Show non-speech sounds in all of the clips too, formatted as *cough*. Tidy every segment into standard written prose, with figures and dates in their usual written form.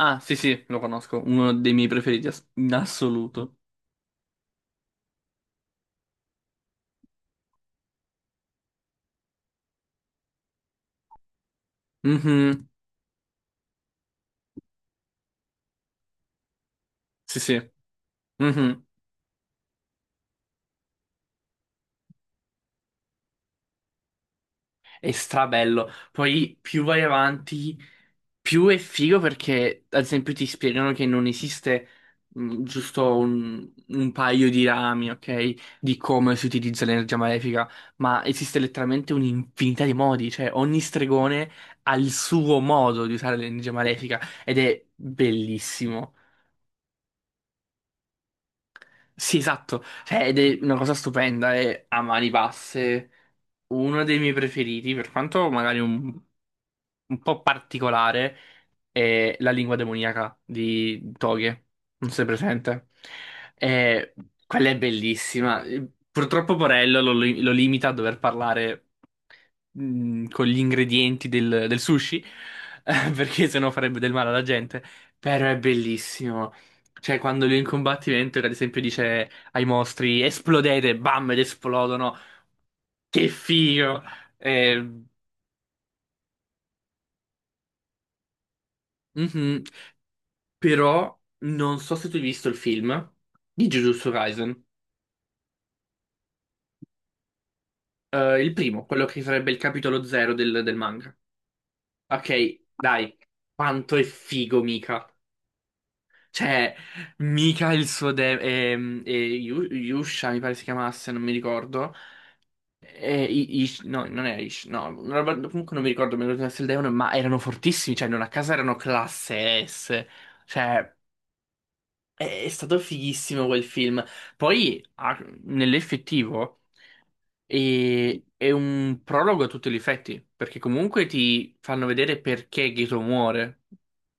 Ah, sì, sì, lo conosco, uno dei miei preferiti in assoluto. Mhm, sì, sì, mhm. È strabello. Poi più vai avanti, più è figo perché, ad esempio, ti spiegano che non esiste giusto un paio di rami, ok, di come si utilizza l'energia malefica, ma esiste letteralmente un'infinità di modi, cioè ogni stregone ha il suo modo di usare l'energia malefica ed è bellissimo. Sì, esatto. Cioè, ed è una cosa stupenda, è a mani basse uno dei miei preferiti, per quanto magari un po' particolare, è la lingua demoniaca di Toghe, non sei presente? E quella è bellissima. Purtroppo Borello lo limita a dover parlare con gli ingredienti del sushi, *laughs* perché sennò farebbe del male alla gente. Però è bellissimo. Cioè, quando lui è in combattimento, ad esempio, dice ai mostri: esplodete, bam, ed esplodono. Che figo! Eh, mhm. Però non so se tu hai visto il film di Jujutsu Kaisen. Il primo, quello che sarebbe il capitolo zero del manga. Ok, dai, quanto è figo Mika. Cioè, Mika e il suo e Yusha, mi pare si chiamasse, non mi ricordo. E no, non era Ish, no, comunque non mi ricordo, mi ricordo se il demone, ma erano fortissimi, cioè non a casa erano classe S. Cioè, è stato fighissimo quel film. Poi, nell'effettivo. E è un prologo a tutti gli effetti, perché comunque ti fanno vedere perché Gato muore,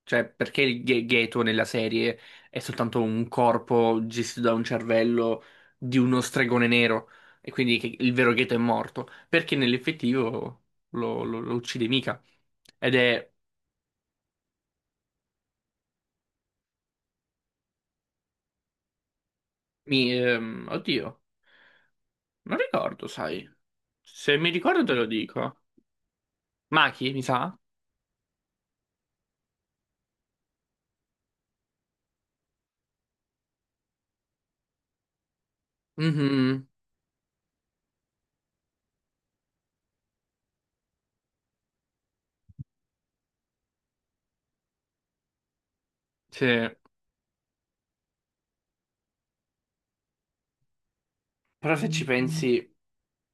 cioè perché il Gato nella serie è soltanto un corpo gestito da un cervello di uno stregone nero, e quindi che il vero Gato è morto, perché nell'effettivo lo uccide mica. Ed è... oddio, non ricordo, sai. Se mi ricordo te lo dico. Maki, mi sa? Mhm, sì. Però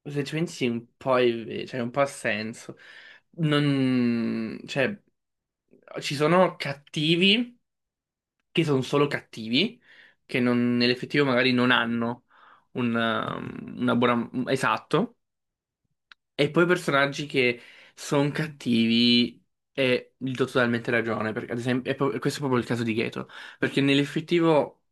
se ci pensi un po', cioè un po' ha senso. Non, cioè, ci sono cattivi che sono solo cattivi, che nell'effettivo magari non hanno una buona. Esatto. E poi personaggi che sono cattivi e gli do totalmente ragione, perché ad esempio, questo è proprio il caso di Geto, perché nell'effettivo,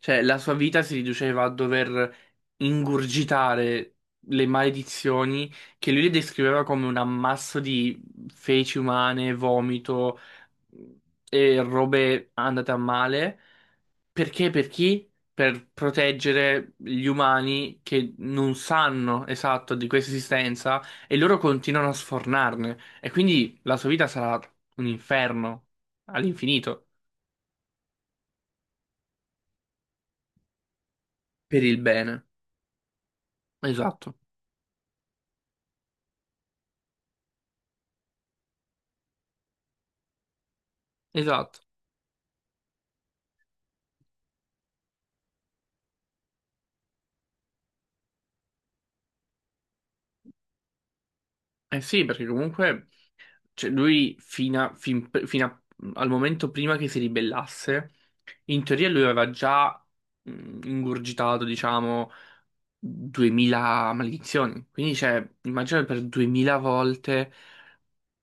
cioè, la sua vita si riduceva a dover ingurgitare le maledizioni che lui le descriveva come un ammasso di feci umane, vomito e robe andate a male. Perché? Per chi? Per proteggere gli umani che non sanno esatto di questa esistenza e loro continuano a sfornarne. E quindi la sua vita sarà un inferno all'infinito per il bene. Esatto, esatto. Eh sì, perché comunque cioè, lui fino a- fin- fino a- al momento prima che si ribellasse, in teoria lui aveva già ingurgitato, diciamo, 2000 maledizioni. Quindi, cioè, immagina per 2000 volte,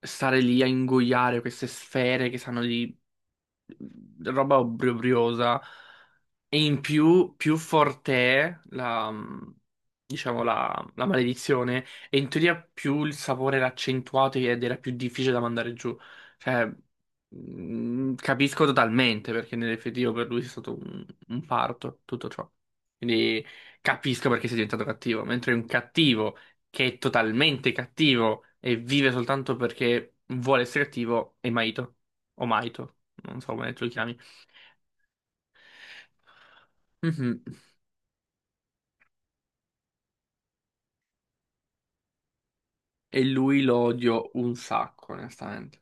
stare lì a ingoiare queste sfere che sanno di roba obbrobriosa. E in più, più forte è la, diciamo, la maledizione, e in teoria più il sapore era accentuato ed era più difficile da mandare giù. Cioè, capisco totalmente perché nell'effettivo per lui è stato un parto, tutto ciò. Quindi capisco perché sei diventato cattivo, mentre un cattivo che è totalmente cattivo e vive soltanto perché vuole essere cattivo è Maito, o Maito non so come tu li chiami. Mhm. E lui lo odio un sacco, onestamente.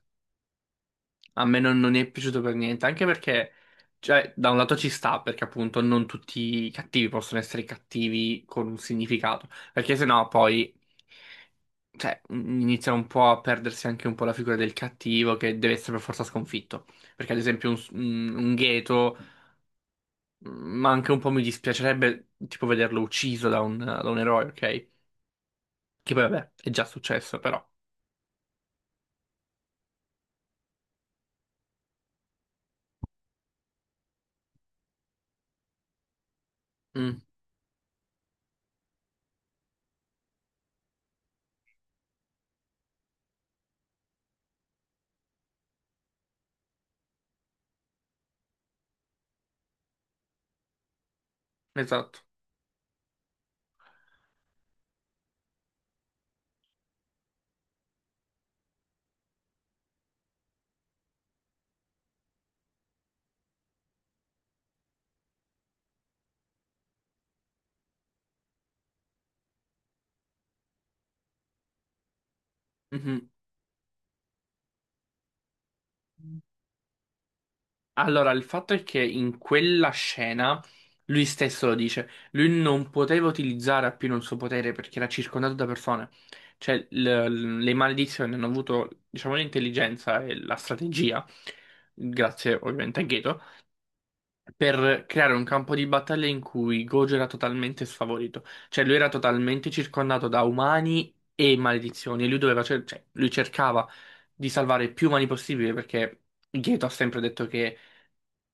A me non è piaciuto per niente, anche perché, cioè, da un lato ci sta, perché appunto non tutti i cattivi possono essere cattivi con un significato, perché sennò poi, cioè, inizia un po' a perdersi anche un po' la figura del cattivo che deve essere per forza sconfitto. Perché ad esempio un Gheto, ma anche un po' mi dispiacerebbe tipo vederlo ucciso da da un eroe, ok? Che poi vabbè, è già successo, però. Mm. Esatto. Mhm. Allora, il fatto è che in quella scena lui stesso lo dice, lui non poteva utilizzare appieno il suo potere perché era circondato da persone. Cioè, le maledizioni hanno avuto, diciamo, l'intelligenza e la strategia, grazie ovviamente a Geto per creare un campo di battaglia in cui Gojo era totalmente sfavorito, cioè lui era totalmente circondato da umani e maledizioni e lui doveva cioè, lui cercava di salvare più umani possibile perché Geto ha sempre detto che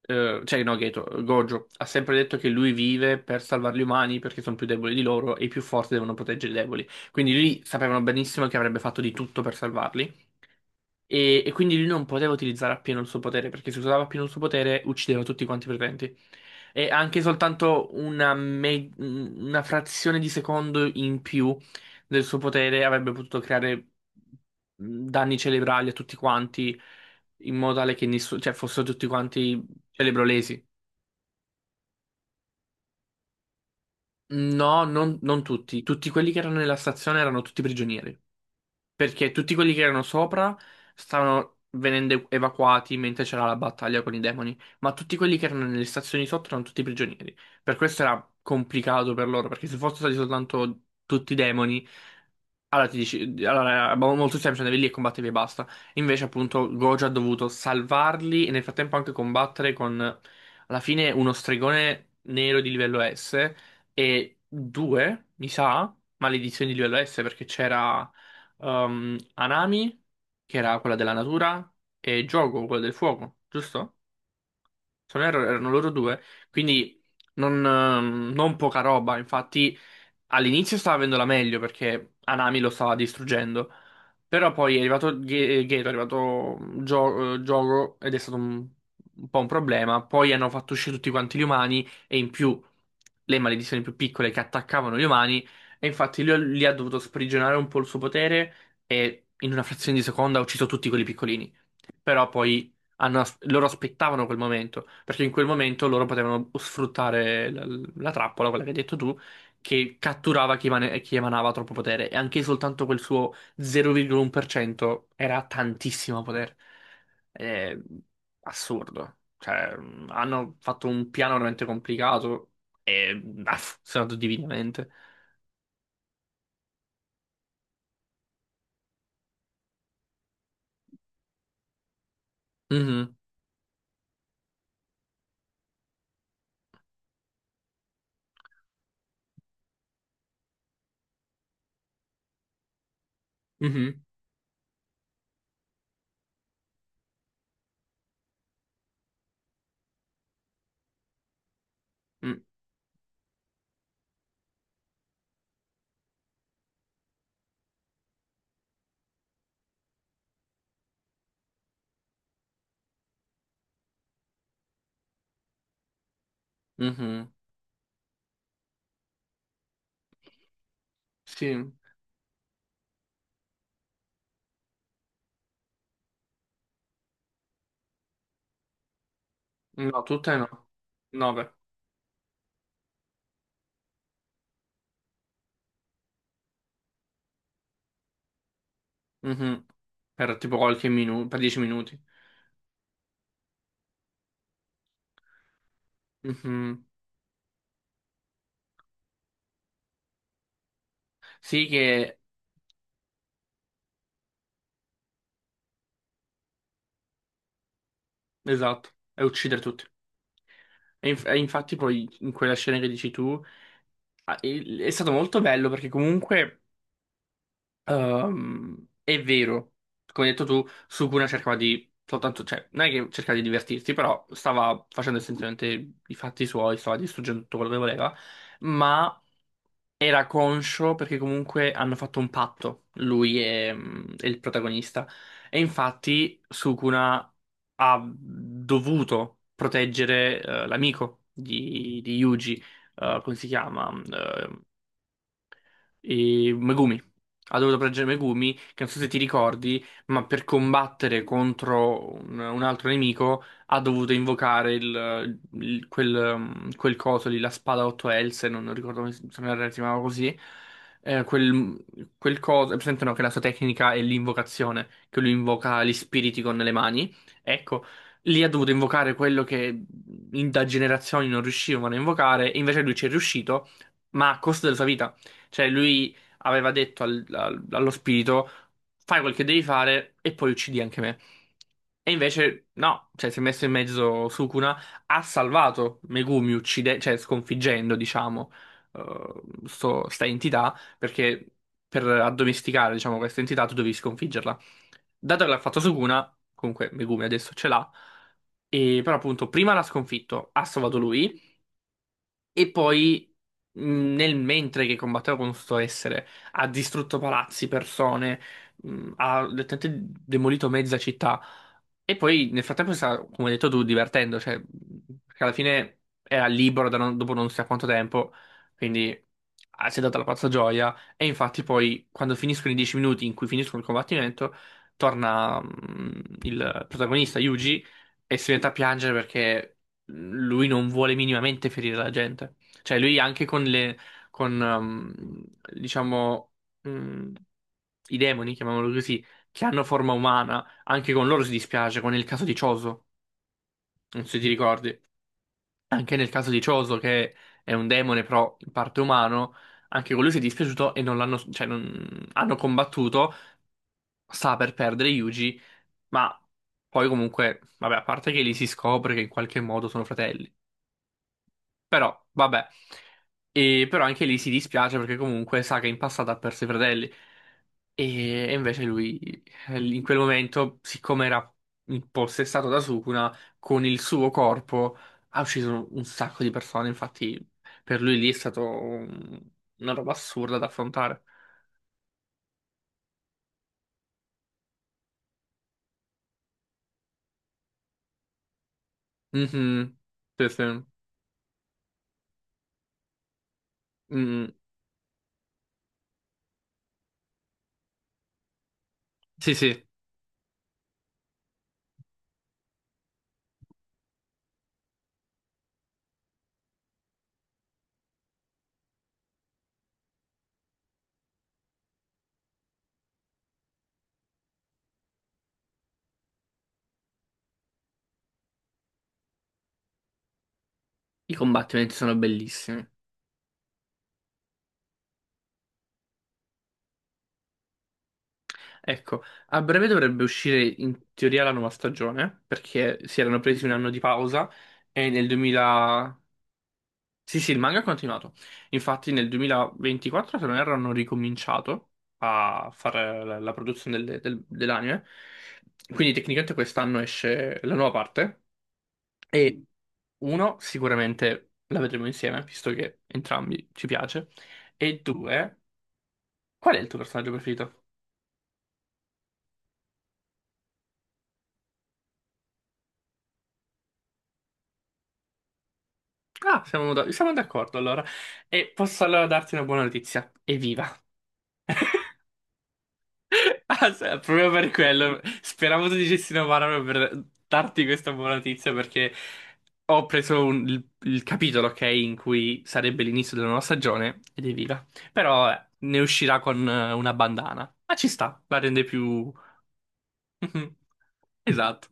cioè no Geto, Gojo ha sempre detto che lui vive per salvare gli umani perché sono più deboli di loro e i più forti devono proteggere i deboli. Quindi lui sapevano benissimo che avrebbe fatto di tutto per salvarli. E quindi lui non poteva utilizzare appieno il suo potere, perché se usava appieno il suo potere uccideva tutti quanti i presenti. E anche soltanto una frazione di secondo in più del suo potere avrebbe potuto creare danni cerebrali a tutti quanti, in modo tale che nessuno, cioè, fossero tutti quanti cerebrolesi. No, non tutti. Tutti quelli che erano nella stazione erano tutti prigionieri. Perché tutti quelli che erano sopra stavano venendo evacuati mentre c'era la battaglia con i demoni, ma tutti quelli che erano nelle stazioni sotto erano tutti prigionieri. Per questo era complicato per loro, perché se fossero stati soltanto tutti demoni allora ti dici, allora, è molto semplice, andavi lì e combattevi e basta. Invece, appunto, Gojo ha dovuto salvarli e nel frattempo anche combattere con, alla fine, uno stregone nero di livello S e due, mi sa, maledizioni di livello S perché c'era Anami, che era quella della natura, e Jogo, quello del fuoco, giusto? Se non erro, erano loro due, quindi non poca roba. Infatti, all'inizio stava avendo la meglio perché Anami lo stava distruggendo. Però poi è arrivato Geto, è arrivato Giogo ed è stato un po' un problema. Poi hanno fatto uscire tutti quanti gli umani e in più le maledizioni più piccole che attaccavano gli umani. E infatti lui lì ha dovuto sprigionare un po' il suo potere e in una frazione di seconda ha ucciso tutti quelli piccolini. Però poi loro aspettavano quel momento, perché in quel momento loro potevano sfruttare la trappola, quella che hai detto tu, che catturava chi emanava troppo potere, e anche soltanto quel suo 0,1% era tantissimo potere. È assurdo. Cioè, hanno fatto un piano veramente complicato e ha funzionato divinamente. Mhm, mhm, mm, mhm. Sì, no, tutte no. nove. Mhm. Per tipo qualche minuto, per 10 minuti. Mhm. Sì, che esatto, è uccidere tutti. E infatti poi in quella scena che dici tu è stato molto bello perché comunque è vero, come hai detto tu, Sukuna cercava di soltanto, cioè non è che cercava di divertirsi, però stava facendo essenzialmente i fatti suoi, stava distruggendo tutto quello che voleva, ma era conscio perché comunque hanno fatto un patto, lui e il protagonista. E infatti Sukuna ha dovuto proteggere l'amico di Yuji, come si chiama? E Megumi. Ha dovuto proteggere Megumi, che non so se ti ricordi, ma per combattere contro un altro nemico ha dovuto invocare quel, quel coso lì, la spada a otto else, non ricordo come si se non erro si chiamava così. Eh, quel, quel coso, è presente no, che la sua tecnica è l'invocazione, che lui invoca gli spiriti con le mani. Ecco, lì ha dovuto invocare quello che da generazioni non riuscivano a invocare, e invece lui ci è riuscito, ma a costo della sua vita. Cioè, lui aveva detto allo spirito: fai quel che devi fare e poi uccidi anche me. E invece, no, cioè, si è messo in mezzo Sukuna, ha salvato Megumi, cioè, sconfiggendo, diciamo, eh, sta entità, perché per addomesticare, diciamo, questa entità tu devi sconfiggerla. Dato che l'ha fatto Sukuna, comunque Megumi adesso ce l'ha, e però appunto prima l'ha sconfitto, ha salvato lui. E poi, mh, nel mentre che combatteva con questo essere, ha distrutto palazzi, persone, ha letteralmente demolito mezza città. E poi, nel frattempo, si sta, come hai detto tu, divertendo, cioè, perché alla fine era libero da non- dopo non si sa quanto tempo, quindi si è data la pazza gioia. E infatti, poi, quando finiscono i dieci minuti in cui finiscono il combattimento, torna, il protagonista, Yuji, e si mette a piangere perché lui non vuole minimamente ferire la gente. Cioè, lui anche con, diciamo, mm, i demoni, chiamiamolo così, che hanno forma umana, anche con loro si dispiace, come nel caso di Choso, non so se ti ricordi. Anche nel caso di Choso, che è un demone però in parte umano, anche con lui si è dispiaciuto e non l'hanno, cioè, non, hanno combattuto, sta per perdere Yuji, ma poi comunque, vabbè, a parte che lì si scopre che in qualche modo sono fratelli. Però, vabbè. E, però anche lì si dispiace perché comunque sa che in passato ha perso i fratelli. E invece lui, in quel momento, siccome era impossessato da Sukuna, con il suo corpo ha ucciso un sacco di persone. Infatti, per lui lì è stato una roba assurda da affrontare. Mhm. Sì, sì. Mm. Sì, sì. I combattimenti sono bellissimi. Ecco, a breve dovrebbe uscire in teoria la nuova stagione, perché si erano presi un anno di pausa e nel 2000. Sì, sì, il manga è continuato. Infatti nel 2024, se non erro, hanno ricominciato a fare la produzione dell'anime. Quindi tecnicamente quest'anno esce la nuova parte e uno, sicuramente la vedremo insieme, visto che entrambi ci piace, e due, qual è il tuo personaggio preferito? Ah, siamo siamo d'accordo allora. E posso allora darti una buona notizia. Evviva! *laughs* Ah, sì, proprio per quello. Speravo tu dicessi una parola per darti questa buona notizia perché ho preso il capitolo, ok, in cui sarebbe l'inizio della nuova stagione ed evviva. Però ne uscirà con una bandana. Ma ci sta, la rende più. *laughs* Esatto.